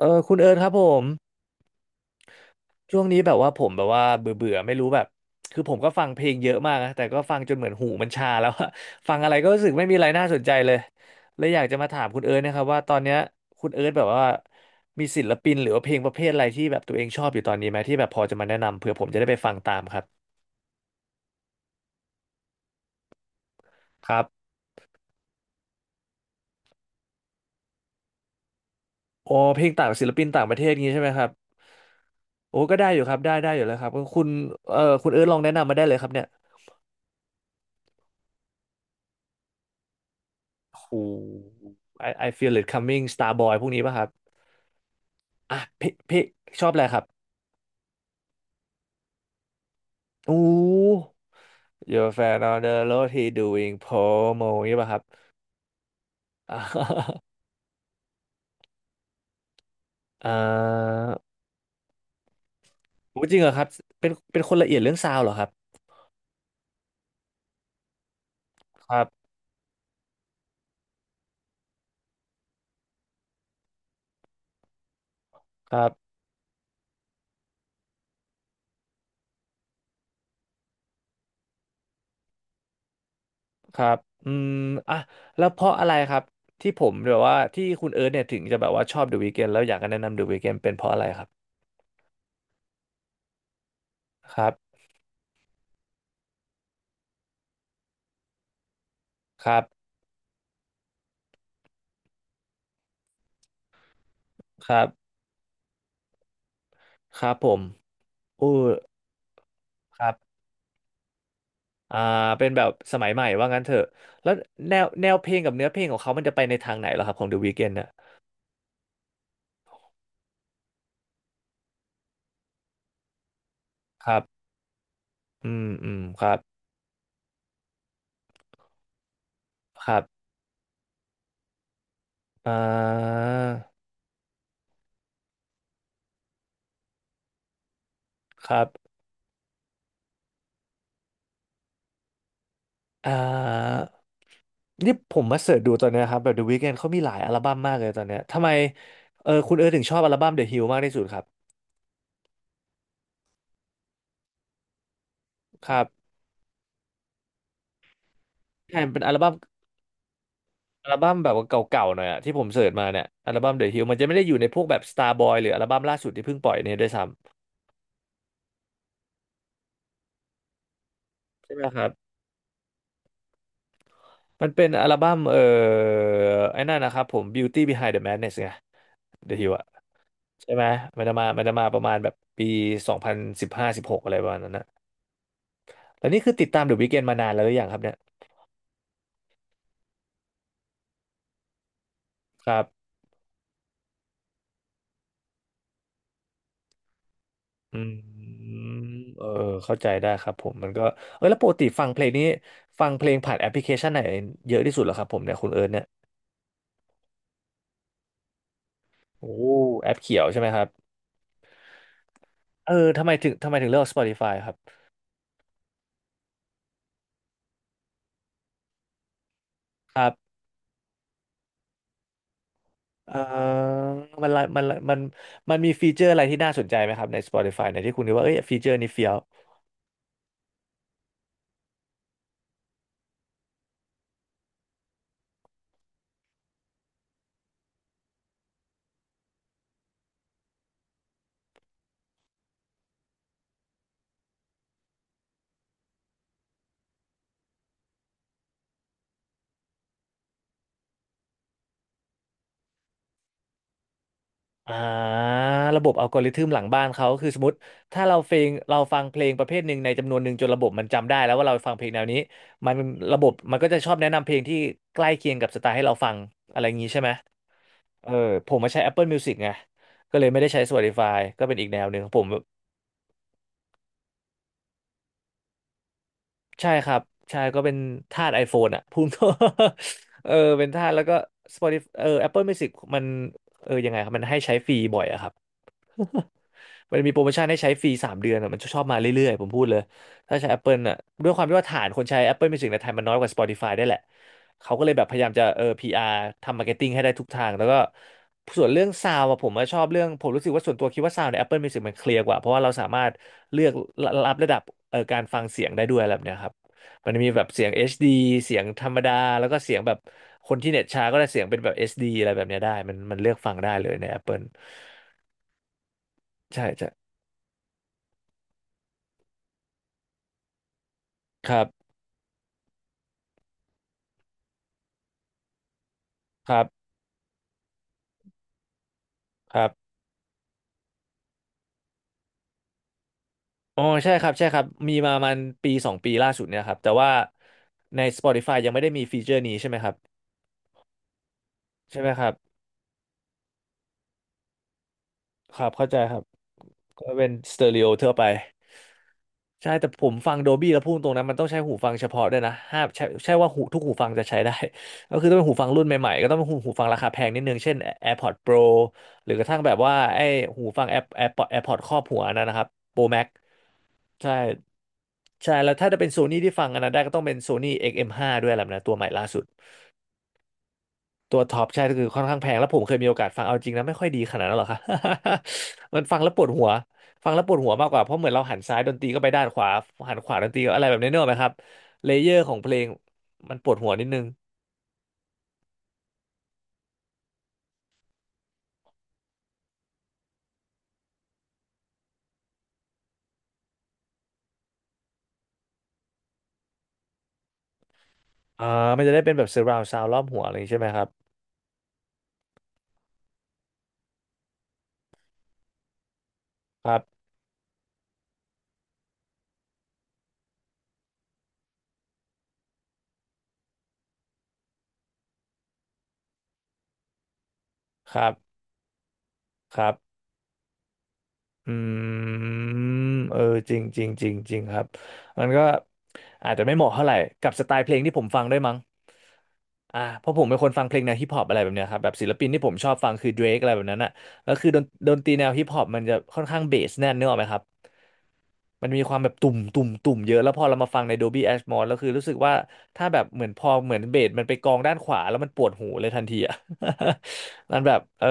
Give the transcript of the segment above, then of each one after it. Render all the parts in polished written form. คุณเอิร์ธครับผมช่วงนี้แบบว่าผมแบบว่าเบื่อเบื่อไม่รู้แบบคือผมก็ฟังเพลงเยอะมากนะแต่ก็ฟังจนเหมือนหูมันชาแล้วอะ ฟังอะไรก็รู้สึกไม่มีอะไรน่าสนใจเลยเลยอยากจะมาถามคุณเอิร์ธนะครับว่าตอนเนี้ยคุณเอิร์ธแบบว่ามีศิลปินหรือว่าเพลงประเภทอะไรที่แบบตัวเองชอบอยู่ตอนนี้ไหมที่แบบพอจะมาแนะนำเผื่อผมจะได้ไปฟังตามครับครับโอ้เพลงต่างศิลปินต่างประเทศงี้ใช่ไหมครับโอ้ก็ได้อยู่ครับได้อยู่แล้วครับคุณคุณเอิร์ธลองแนะนำมาได้เลยครับเนี่ยโอ้โห I I feel it coming Starboy พวกนี้ป่ะครับ อ่ะพี่พี่ชอบอะไรครับอู้ Your fan on the road he doing promo นี่ป่ะครับอ่า เอ่อโอ้จริงเหรอครับเป็นคนละเอียดเรื่องซาวด์เหรอครับครับครับครับอืมอ่ะแล้วเพราะอะไรครับที่ผมแบบว่าที่คุณเอิร์ธเนี่ยถึงจะแบบว่าชอบ The Weeknd แล้วอยากจะแนะนำ The Weeknd เป็นเพราะอะไรครับครับครับครับครับผมอู้ครับ อ่าเป็นแบบสมัยใหม่ว่างั้นเถอะแล้วแนวเพลงกับเนื้อเพลงของเขามันจะไปในทางไหนเหรอครับของ The Weeknd น่ะครับอืมอืมครับครับอ่าครับอ่านี่ผมมาเสิร์ชดูตอนเนี้ยครับแบบ The Weeknd เขามีหลายอัลบั้มมากเลยตอนเนี้ยทำไมอคุณถึงชอบอัลบั้ม The Hill มากที่สุดครับครับใช่มันเป็นอัลบั้มอัลบั้มแบบว่าเก่าๆหน่อยอะที่ผมเสิร์ชมาเนี่ยอัลบั้ม The Hill มันจะไม่ได้อยู่ในพวกแบบ Starboy หรืออัลบั้มล่าสุดที่เพิ่งปล่อยเนี่ยด้วยซ้ำใช่ไหมครับ มันเป็นอัลบั้มไอ้นั่นนะครับผม Beauty Behind the Madness ไง The Hill อะใช่ไหมมันจะมาประมาณแบบปี2015-2016อะไรประมาณนั้นนะแล้วนี่คือติดตาม The Weeknd มานานแล้วหรือยังครับเนี่ยครับอืมเออเข้าใจได้ครับผมมันก็แล้วปกติฟังเพลงนี้ฟังเพลงผ่านแอปพลิเคชันไหนเยอะที่สุดเหรอครับผมเนี่ยคุณเอิร์ธเนี่ยโอ้แอปเขียวใช่ไหมครับทำไมถึงเลือก Spotify ครับครับ เอ่อมันมันมีฟีเจอร์อะไรที่น่าสนใจไหมครับใน Spotify ในที่คุณคิดว่าเอ้ยฟีเจอร์นี้เฟี้ยวอ่าระบบอัลกอริทึมหลังบ้านเขาคือสมมติถ้าเราเพลงเราฟังเพลงประเภทหนึ่งในจำนวนหนึ่งจนระบบมันจำได้แล้วว่าเราฟังเพลงแนวนี้มันระบบมันก็จะชอบแนะนำเพลงที่ใกล้เคียงกับสไตล์ให้เราฟังอะไรอย่างนี้ใช่ไหมเออผมมาใช้ Apple Music ไงก็เลยไม่ได้ใช้ Spotify ก็เป็นอีกแนวหนึ่งผม ใช่ครับใช่ก็เป็นทาส iPhone อ่ะ พูดตรง เป็นทาสแล้วก็ Spotify Apple Music มันยังไงครับมันให้ใช้ฟรีบ่อยอะครับ มันมีโปรโมชั่นให้ใช้ฟรี3 เดือนอะมันชอบมาเรื่อยๆผมพูดเลยถ้าใช้ Apple อ่ะด้วยความที่ว่าฐานคนใช้ Apple Music ในไทยมันน้อยกว่า Spotify ได้แหละเขาก็เลยแบบพยายามจะPR ทำมาร์เก็ตติ้งให้ได้ทุกทางแล้วก็ส่วนเรื่องซาวอะผมอะชอบเรื่องผมรู้สึกว่าส่วนตัวคิดว่าซาวใน Apple Music มันเคลียร์กว่าเพราะว่าเราสามารถเลือกรับระดับการฟังเสียงได้ด้วยอะไรแบบเนี้ยครับมันมีแบบเสียง HD เสียงธรรมดาแล้วก็เสียงแบบคนที่เน็ตช้าก็ได้เสียงเป็นแบบเอสดีอะไรแบบเนี้ยได้มันมันเลือกฟังได้เลยใน Apple ใช่ใช่ครับครับ ครับอ๋อใช่ครับใช่ครับมีมาประมันปีสองปีล่าสุดเนี่ยครับแต่ว่าใน Spotify ยังไม่ได้มีฟีเจอร์นี้ใช่ไหมครับใช่ไหมครับครับเข้าใจครับก็เป็นสเตอริโอทั่วไปใช่แต่ผมฟัง Dolby แล้วพูดตรงนั้นมันต้องใช้หูฟังเฉพาะด้วยนะห้ามใช่ว่าหูทุกหูฟังจะใช้ได้ ก็คือต้องเป็นหูฟังรุ่นใหม่ๆก็ต้องเป็นหูฟังราคาแพงนิดนึงเช่น AirPods Pro หรือกระทั่งแบบว่าไอ้หูฟัง AirPods ครอบหัวนั่นนะครับ Pro Max ใช่ใช่แล้วถ้าจะเป็นโซนี่ที่ฟังอันนั้นได้ก็ต้องเป็นโซนี่ XM5 ด้วยแหละนะตัวใหม่ล่าสุดตัวท็อปใช่ก็คือค่อนข้างแพงแล้วผมเคยมีโอกาสฟังเอาจริงนะไม่ค่อยดีขนาดนั้นหรอก ค่ะ มันฟังแล้วปวดหัวฟังแล้วปวดหัวมากกว่าเพราะเหมือนเราหันซ้ายดนตรีก็ไปด้านขวาหันขวาดนตรีก็อะไรแบบนี้เนกอะไหมครับเลเยอร์ของเพลงมันปวดหัวนิดนึงอ่ามันจะได้เป็นแบบ surround sound รอบหัวอะไรอย่างนี้ใช่ไหมครับครับครับครับ อืมเออจริงจริงครับมันก็อาจจะไม่เหมาะเท่าไหร่กับสไตล์เพลงที่ผมฟังด้วยมั้งเพราะผมเป็นคนฟังเพลงแนวฮิปฮอปอะไรแบบเนี้ยครับแบบศิลปินที่ผมชอบฟังคือ Drake อะไรแบบนั้นอ่ะแล้วคือดนตรีแนวฮิปฮอปมันจะค่อนข้างเบสแน่นเนกอะไหมครับ มันมีความแบบตุ่มตุ่มเยอะแล้วพอเรามาฟังใน Dolby Atmos แล้วคือรู้สึกว่าถ้าแบบเหมือนพอเหมือนเบสมันไปกองด้านขวาแล้วมันปวดหูเลยทันทีอ่ะ มันแบบเออ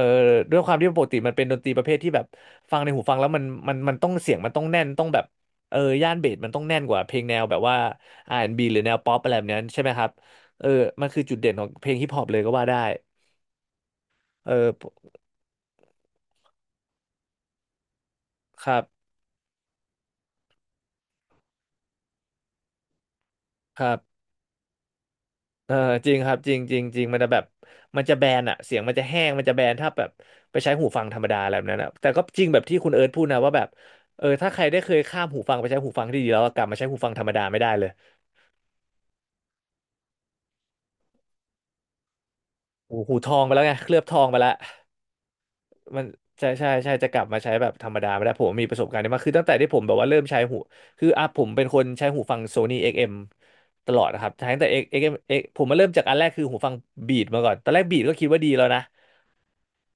ด้วยความที่ปกติมันเป็นดนตรีประเภทที่แบบฟังในหูฟังแล้วมันต้องเสียงมันต้องแน่นต้องแบบเออย่านเบสมันต้องแน่นกว่าเพลงแนวแบบว่าอาร์แอนด์บีหรือแนวป๊อปอะไรแบบนั้นใช่ไหมครับเออมันคือจุดเด่นของเพลงฮิปฮอปเลยก็ว่าได้เออครับครับ เออจริงครับจริงจริงจริงมันจะแบบมันจะแบนอะเสียงมันจะแห้งมันจะแบนถ้าแบบไปใช้หูฟังธรรมดาอะไรแบบนั้นอะแต่ก็จริงแบบที่คุณเอิร์ธพูดนะว่าแบบเออถ้าใครได้เคยข้ามหูฟังไปใช้หูฟังที่ดีแล้วกลับมาใช้หูฟังธรรมดาไม่ได้เลยหูทองไปแล้วไงเคลือบทองไปแล้วมันใช่ใช่ใช่จะกลับมาใช้แบบธรรมดาไม่ได้ผมมีประสบการณ์นี้มากคือตั้งแต่ที่ผมแบบว่าเริ่มใช้หูคืออ่ะผมเป็นคนใช้หูฟัง Sony XM ตลอดนะครับใช้ตั้งแต่ XM X ผมมาเริ่มจากอันแรกคือหูฟังบีดมาก่อนตอนแรกบีดก็คิดว่าดีแล้วนะ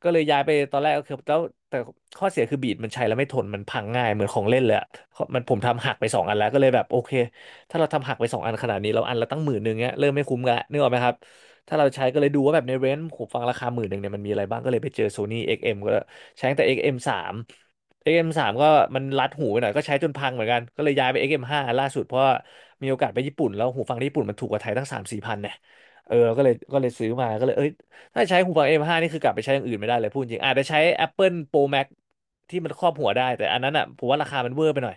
ก็เลยย้ายไปตอนแรกก็คือแล้วแต่ข้อเสียคือบีดมันใช้แล้วไม่ทนมันพังง่ายเหมือนของเล่นเลยอะมันผมทำหักไปสองอันแล้วก็เลยแบบโอเคถ้าเราทำหักไปสองอันขนาดนี้เราอันละตั้งหมื่นหนึ่งเงี้ยเริ่มไม่คุ้มกันละนึกออกไหมครับถ้าเราใช้ก็เลยดูว่าแบบในเรนจ์ผมฟังราคาหมื่นหนึ่งเนี่ยมันมีอะไรบ้างก็เลยไปเจอ Sony XM กซ์เอ็มก็ใช้ตั้งแต่ XM สามเอ็กซ์เอ็มสามก็มันรัดหูไปหน่อยก็ใช้จนพังเหมือนกันก็เลยย้ายไปเอ็กซ์เอ็มห้าล่าสุดเพราะว่ามีโอกาสไปญี่ปุ่นแล้วหูฟังที่ญี่ปุ่นมันถูกกว่าไทยตั้งสามสี่พันเนี่ยเออก็เลยซื้อมาก็เลยเอ้ย ถ้าใช้หูฟัง M5 นี่คือกลับไปใช้อย่างอื่นไม่ได้เลยพูดจริงอาจจะใช้ Apple Pro Max ที่มันครอบหัวได้แต่อันนั้นอ่ะผมว่าราคามันเวอร์ไปหน่อย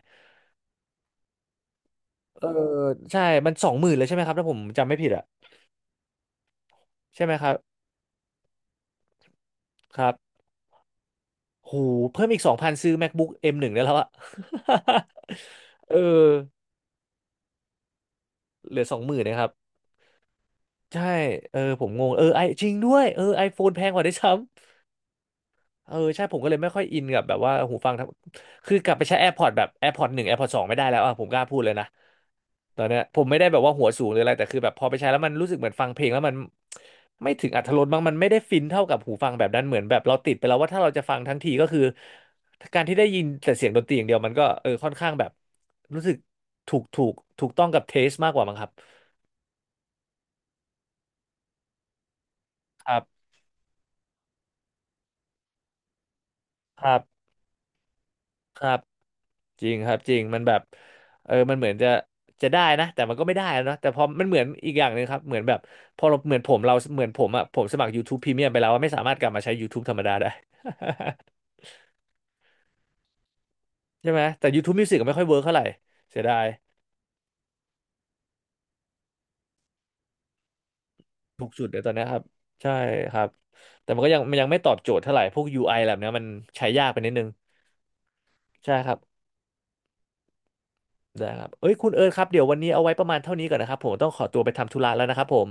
เออใช่มันสองหมื่นเลยใช่ไหมครับถ้าผมจำไม่ผิดอ่ะใช่ไหมครับครับโหูเพิ่มอีกสองพันซื้อ MacBook M1 ได้แล้วอ่ะ เออเหลือสองหมื่นนะครับใช่เออผมงงเออไอจริงด้วยเออ iPhone แพงกว่าได้วยซ้ เออใช่ผมก็เลยไม่ค่อยอินกับแบบว่าหูฟังทั้งคือกลับไปใช้ AirPods แบบ AirPods หนึ่ง AirPods สองไม่ได้แล้วอ่ะผมกล้าพูดเลยนะตอนเนี้ยผมไม่ได้แบบว่าหัวสูงหรืออะไรแต่คือแบบพอไปใช้แล้วมันรู้สึกเหมือนฟังเพลงแล้วมันไม่ถึงอรรถรสบ้างมันไม่ได้ฟินเท่ากับหูฟังแบบนั้นเหมือนแบบเราติดไปแล้วว่าถ้าเราจะฟังทั้งทีก็คือการที่ได้ยินแต่เสียงดนตรีอย่างเดียวมันก็เออค่อนข้างแบบรู้สึกถูกถูกถูกต้องกับเทสมากกว่ามั้งครับครับครับครับ จริงครับจริงมันแบบเออมันเหมือนจะจะได้นะแต่มันก็ไม่ได้นะเนาะแต่พอมันเหมือนอีกอย่างหนึ่งครับเหมือนแบบพอเราเหมือนผมเราเหมือนผมอ่ะผมสมัคร YouTube Premium ไปแล้วอะไม่สามารถกลับมาใช้ YouTube ธรรมดาได้ ใช่ไหมแต่ YouTube Music ก็ไม่ค่อยเวิร์กเท่าไหร่เสียดายถูกสุดเลยตอนเนี้ยครับใช่ครับแต่มันก็ยังมันยังไม่ตอบโจทย์เท่าไหร่พวก UI แบบเนี้ยมันใช้ยากไปนิดนึงใช่ครับได้ครับเอ้ยคุณเอิร์ธครับเดี๋ยววันนี้เอาไว้ประมาณเท่านี้ก่อนนะครับผมต้องขอตัวไปทำธุระแล้วนะครับผม